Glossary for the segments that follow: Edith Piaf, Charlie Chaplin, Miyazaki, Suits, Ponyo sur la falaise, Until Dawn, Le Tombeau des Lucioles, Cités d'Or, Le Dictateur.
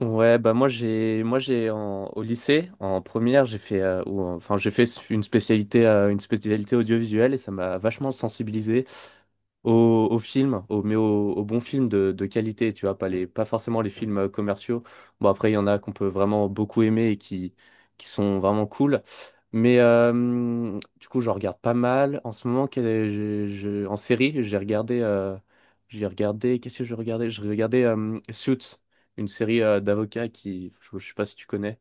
Ouais, bah moi j'ai au lycée en première, j'ai fait ou, en- enfin j'ai fait une spécialité audiovisuelle et ça m'a vachement sensibilisé au film, au bon film de qualité, tu vois, pas forcément les films commerciaux. Bon, après, il y en a qu'on peut vraiment beaucoup aimer et qui sont vraiment cool. Mais du coup, je regarde pas mal. En ce moment, en série, j'ai regardé, qu'est-ce que je regardais? Je regardais Suits, une série d'avocats qui, je sais pas si tu connais.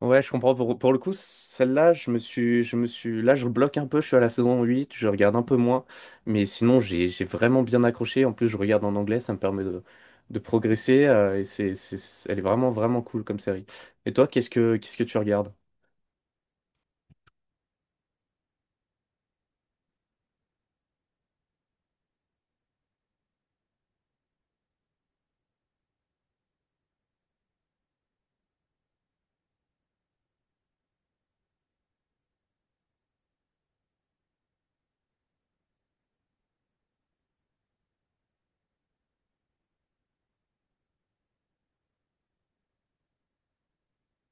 Ouais, je comprends. Pour le coup, celle-là, je bloque un peu. Je suis à la saison 8, je regarde un peu moins. Mais sinon, j'ai vraiment bien accroché. En plus, je regarde en anglais, ça me permet de progresser. Et elle est vraiment cool comme série. Et toi, qu'est-ce que tu regardes?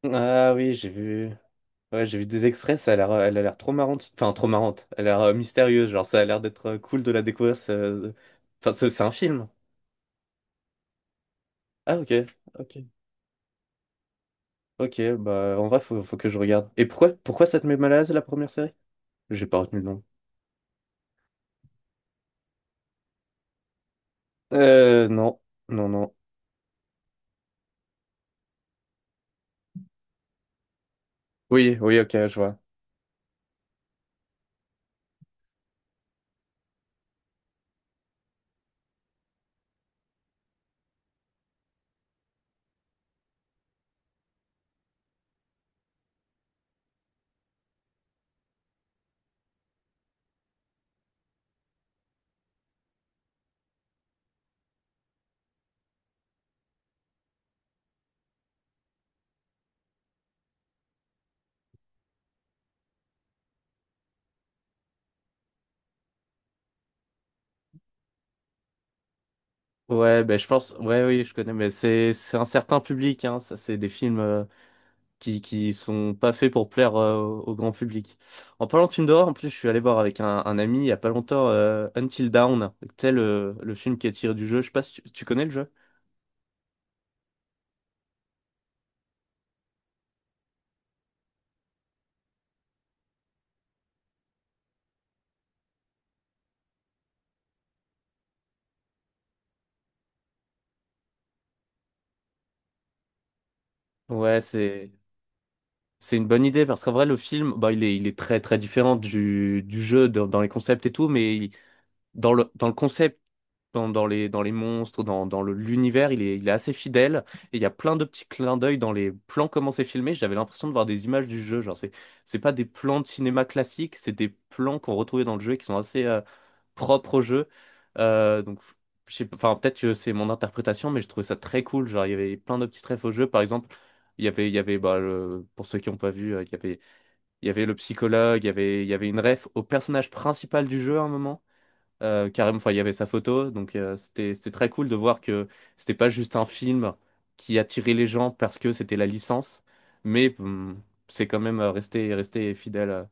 Ah oui, j'ai vu. Ouais, j'ai vu des extraits, ça a l'air, elle a l'air trop marrante. Enfin, trop marrante. Elle a l'air mystérieuse, genre ça a l'air d'être cool de la découvrir. C'est un film. Ah, ok, ok. Ok, bah en vrai, faut que je regarde. Et pourquoi ça te met mal à l'aise la première série? J'ai pas retenu le nom. Non, non. Oui, oui, ok, je vois. Ouais, ben je pense, ouais, oui, je connais, mais c'est un certain public, hein. Ça, c'est des films qui sont pas faits pour plaire au grand public. En parlant de films d'horreur, en plus, je suis allé voir avec un ami il y a pas longtemps Until Dawn, le film qui est tiré du jeu. Je sais pas si tu connais le jeu. Ouais, c'est C'est une bonne idée parce qu'en vrai, le film, bah, il est très très différent du jeu dans les concepts et tout, dans dans le concept, dans les monstres, l'univers, il est assez fidèle. Et il y a plein de petits clins d'œil dans les plans, comment c'est filmé. J'avais l'impression de voir des images du jeu. Genre, c'est pas des plans de cinéma classiques, c'est des plans qu'on retrouvait dans le jeu et qui sont assez propres au jeu. Donc, je sais pas- enfin, peut-être que c'est mon interprétation, mais je trouvais ça très cool. Genre, il y avait plein de petits trèfles au jeu. Par exemple, il y avait bah, pour ceux qui n'ont pas vu, il y avait le psychologue, il y avait une ref au personnage principal du jeu à un moment. Carrément, enfin, il y avait sa photo, donc c'était très cool de voir que c'était pas juste un film qui attirait les gens parce que c'était la licence, mais c'est quand même resté fidèle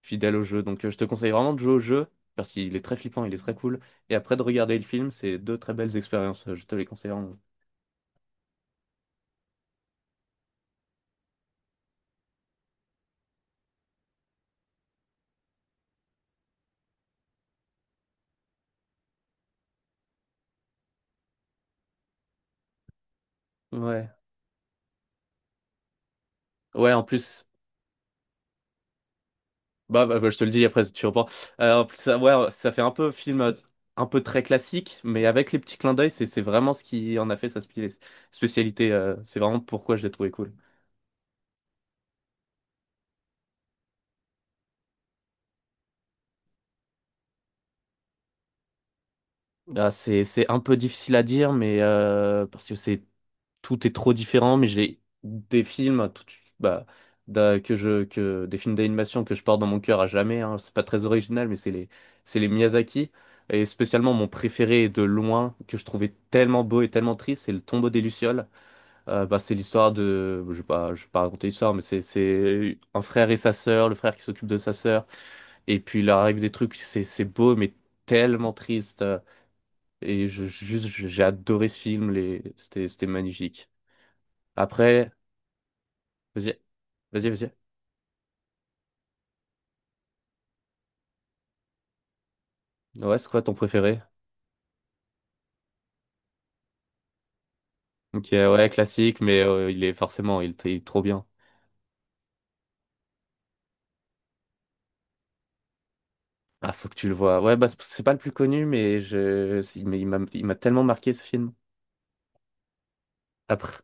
fidèle au jeu. Donc je te conseille vraiment de jouer au jeu parce qu'il est très flippant, il est très cool. Et après de regarder le film, c'est deux très belles expériences. Je te les conseille vraiment. Ouais, ouais. En plus. Bah, je te le dis après, tu reprends. En plus, ça, ouais, ça fait un peu film, un peu très classique, mais avec les petits clins d'œil, c'est vraiment ce qui en a fait sa spécialité. C'est vraiment pourquoi je l'ai trouvé cool. Ah, c'est un peu difficile à dire, mais parce que c'est tout est trop différent. Mais j'ai des films, tout- bah, d'un- que je que des films d'animation que je porte dans mon cœur à jamais, hein. C'est pas très original, mais c'est les Miyazaki. Et spécialement mon préféré de loin, que je trouvais tellement beau et tellement triste, c'est Le Tombeau des Lucioles. Bah, c'est l'histoire de, je vais pas raconter l'histoire, mais c'est un frère et sa sœur, le frère qui s'occupe de sa sœur, et puis il leur arrive des trucs, c'est beau mais tellement triste, et j'ai adoré ce film, les c'était c'était magnifique. Après, vas-y, vas-y. Ouais, c'est quoi ton préféré? Ok, ouais, classique, mais il est forcément, il est il est trop bien. Ah, faut que tu le vois. Ouais, bah c'est pas le plus connu, mais mais il m'a tellement marqué ce film. Après.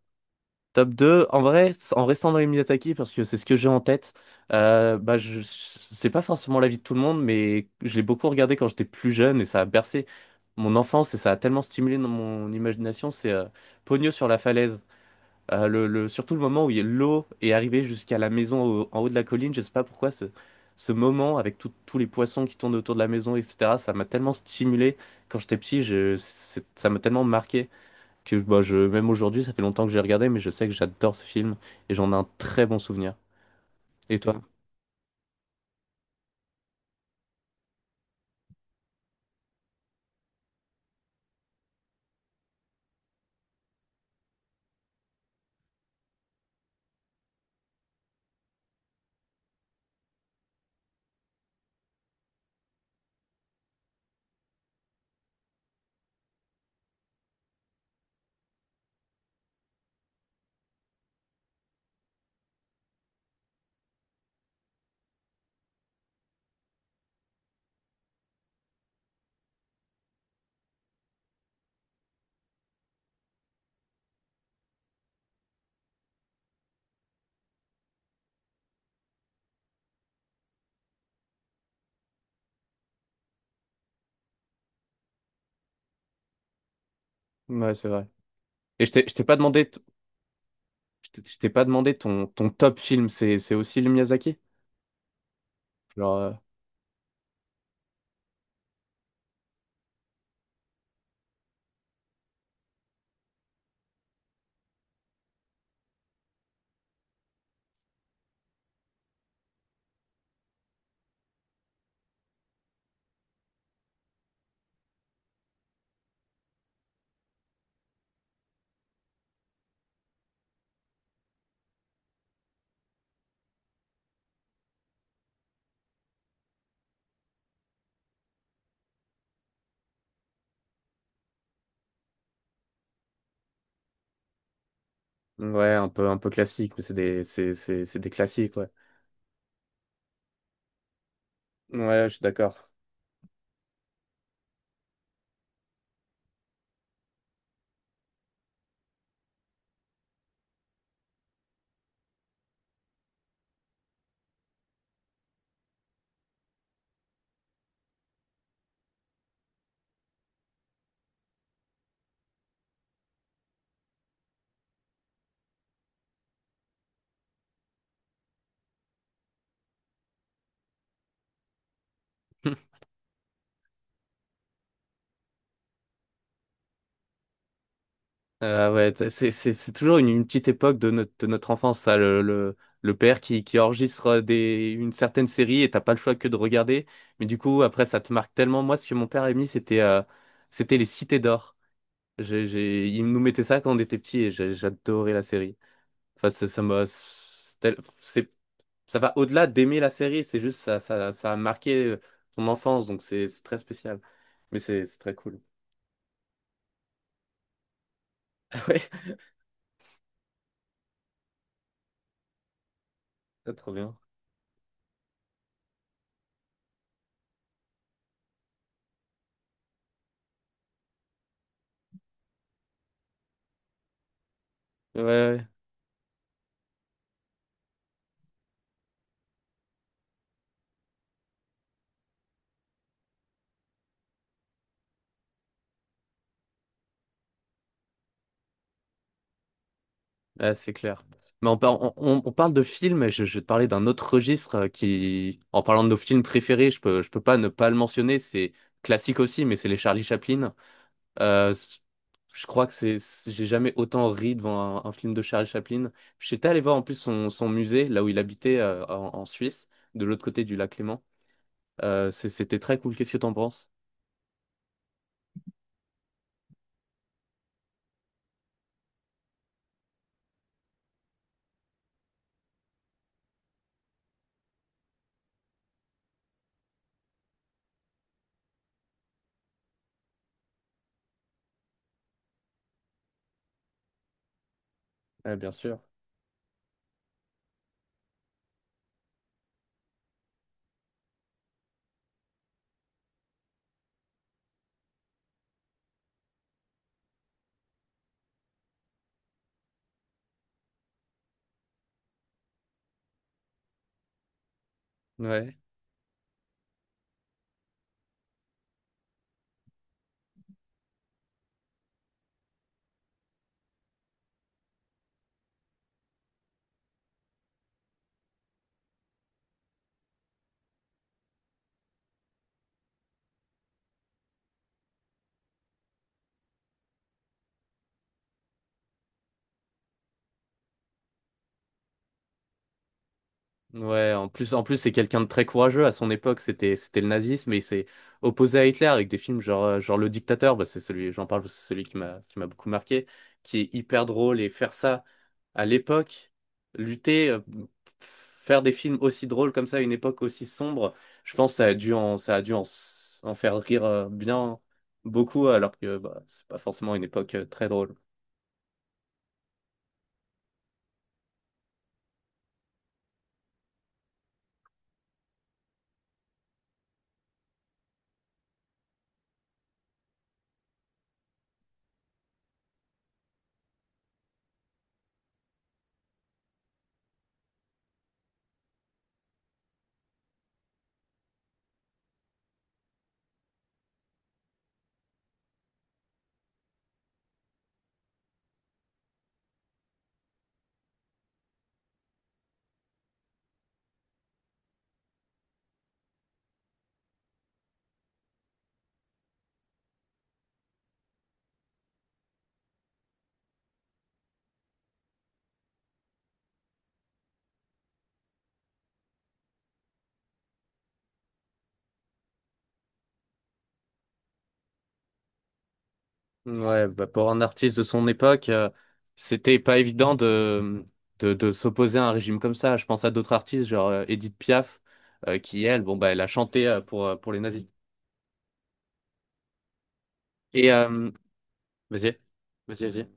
Top 2, en vrai, en restant dans les Miyazaki, parce que c'est ce que j'ai en tête, bah, c'est pas forcément l'avis de tout le monde, mais je l'ai beaucoup regardé quand j'étais plus jeune et ça a bercé mon enfance et ça a tellement stimulé dans mon imagination. C'est Ponyo sur la falaise. Surtout le moment où il y a l'eau est arrivée jusqu'à la maison en haut de la colline, je sais pas pourquoi ce moment avec tous les poissons qui tournent autour de la maison, etc., ça m'a tellement stimulé quand j'étais petit, ça m'a tellement marqué que bah, même aujourd'hui, ça fait longtemps que j'ai regardé, mais je sais que j'adore ce film et j'en ai un très bon souvenir. Et toi? Ouais, c'est vrai. Et je t'ai pas demandé, je t'ai pas demandé ton top film, c'est aussi le Miyazaki? Genre, euh, Ouais, un peu classique, mais c'est des classiques, ouais. Ouais, je suis d'accord. Ouais, c'est toujours une petite époque de notre enfance, ça, le père qui enregistre une certaine série et t'as pas le choix que de regarder. Mais du coup, après, ça te marque tellement. Moi, ce que mon père a mis, c'était c'était les Cités d'Or. Il nous mettait ça quand on était petits et j'adorais la série. Enfin, ça m'a, c'est, tel- c'est- Ça va au-delà d'aimer la série, c'est juste ça a marqué ton enfance, donc c'est très spécial. Mais c'est très cool. Ouais, trop bien. Ouais, ouais. Ouais, c'est clair. Mais on parle de films, je vais te parler d'un autre registre qui, en parlant de nos films préférés, je peux pas ne pas le mentionner, c'est classique aussi, mais c'est les Charlie Chaplin. Euh, c- je crois que j'ai jamais autant ri devant un film de Charlie Chaplin. J'étais allé voir en plus son musée, là où il habitait, en Suisse, de l'autre côté du lac Léman. C'était très cool. Qu'est-ce que t'en penses? Ouais, bien sûr. Ouais. Ouais, en plus c'est quelqu'un de très courageux à son époque, c'était le nazisme et il s'est opposé à Hitler avec des films genre Le Dictateur, bah, c'est celui, j'en parle, parce que c'est celui qui m'a beaucoup marqué, qui est hyper drôle et faire ça à l'époque, lutter, faire des films aussi drôles comme ça à une époque aussi sombre, je pense que ça a dû en faire rire bien beaucoup alors que bah, c'est pas forcément une époque très drôle. Ouais, bah, pour un artiste de son époque, c'était pas évident de s'opposer à un régime comme ça. Je pense à d'autres artistes, genre Edith Piaf, qui elle, bon bah elle a chanté pour les nazis. Et vas-y, vas-y.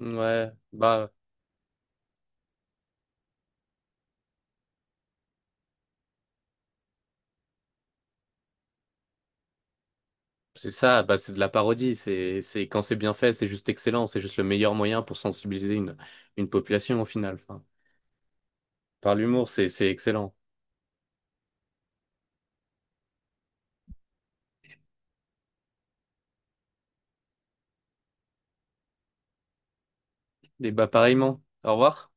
Ouais, bah c'est ça, bah c'est de la parodie. C'est quand c'est bien fait, c'est juste excellent. C'est juste le meilleur moyen pour sensibiliser une population au final. Enfin, par l'humour, c'est excellent. Et bah pareillement. Au revoir.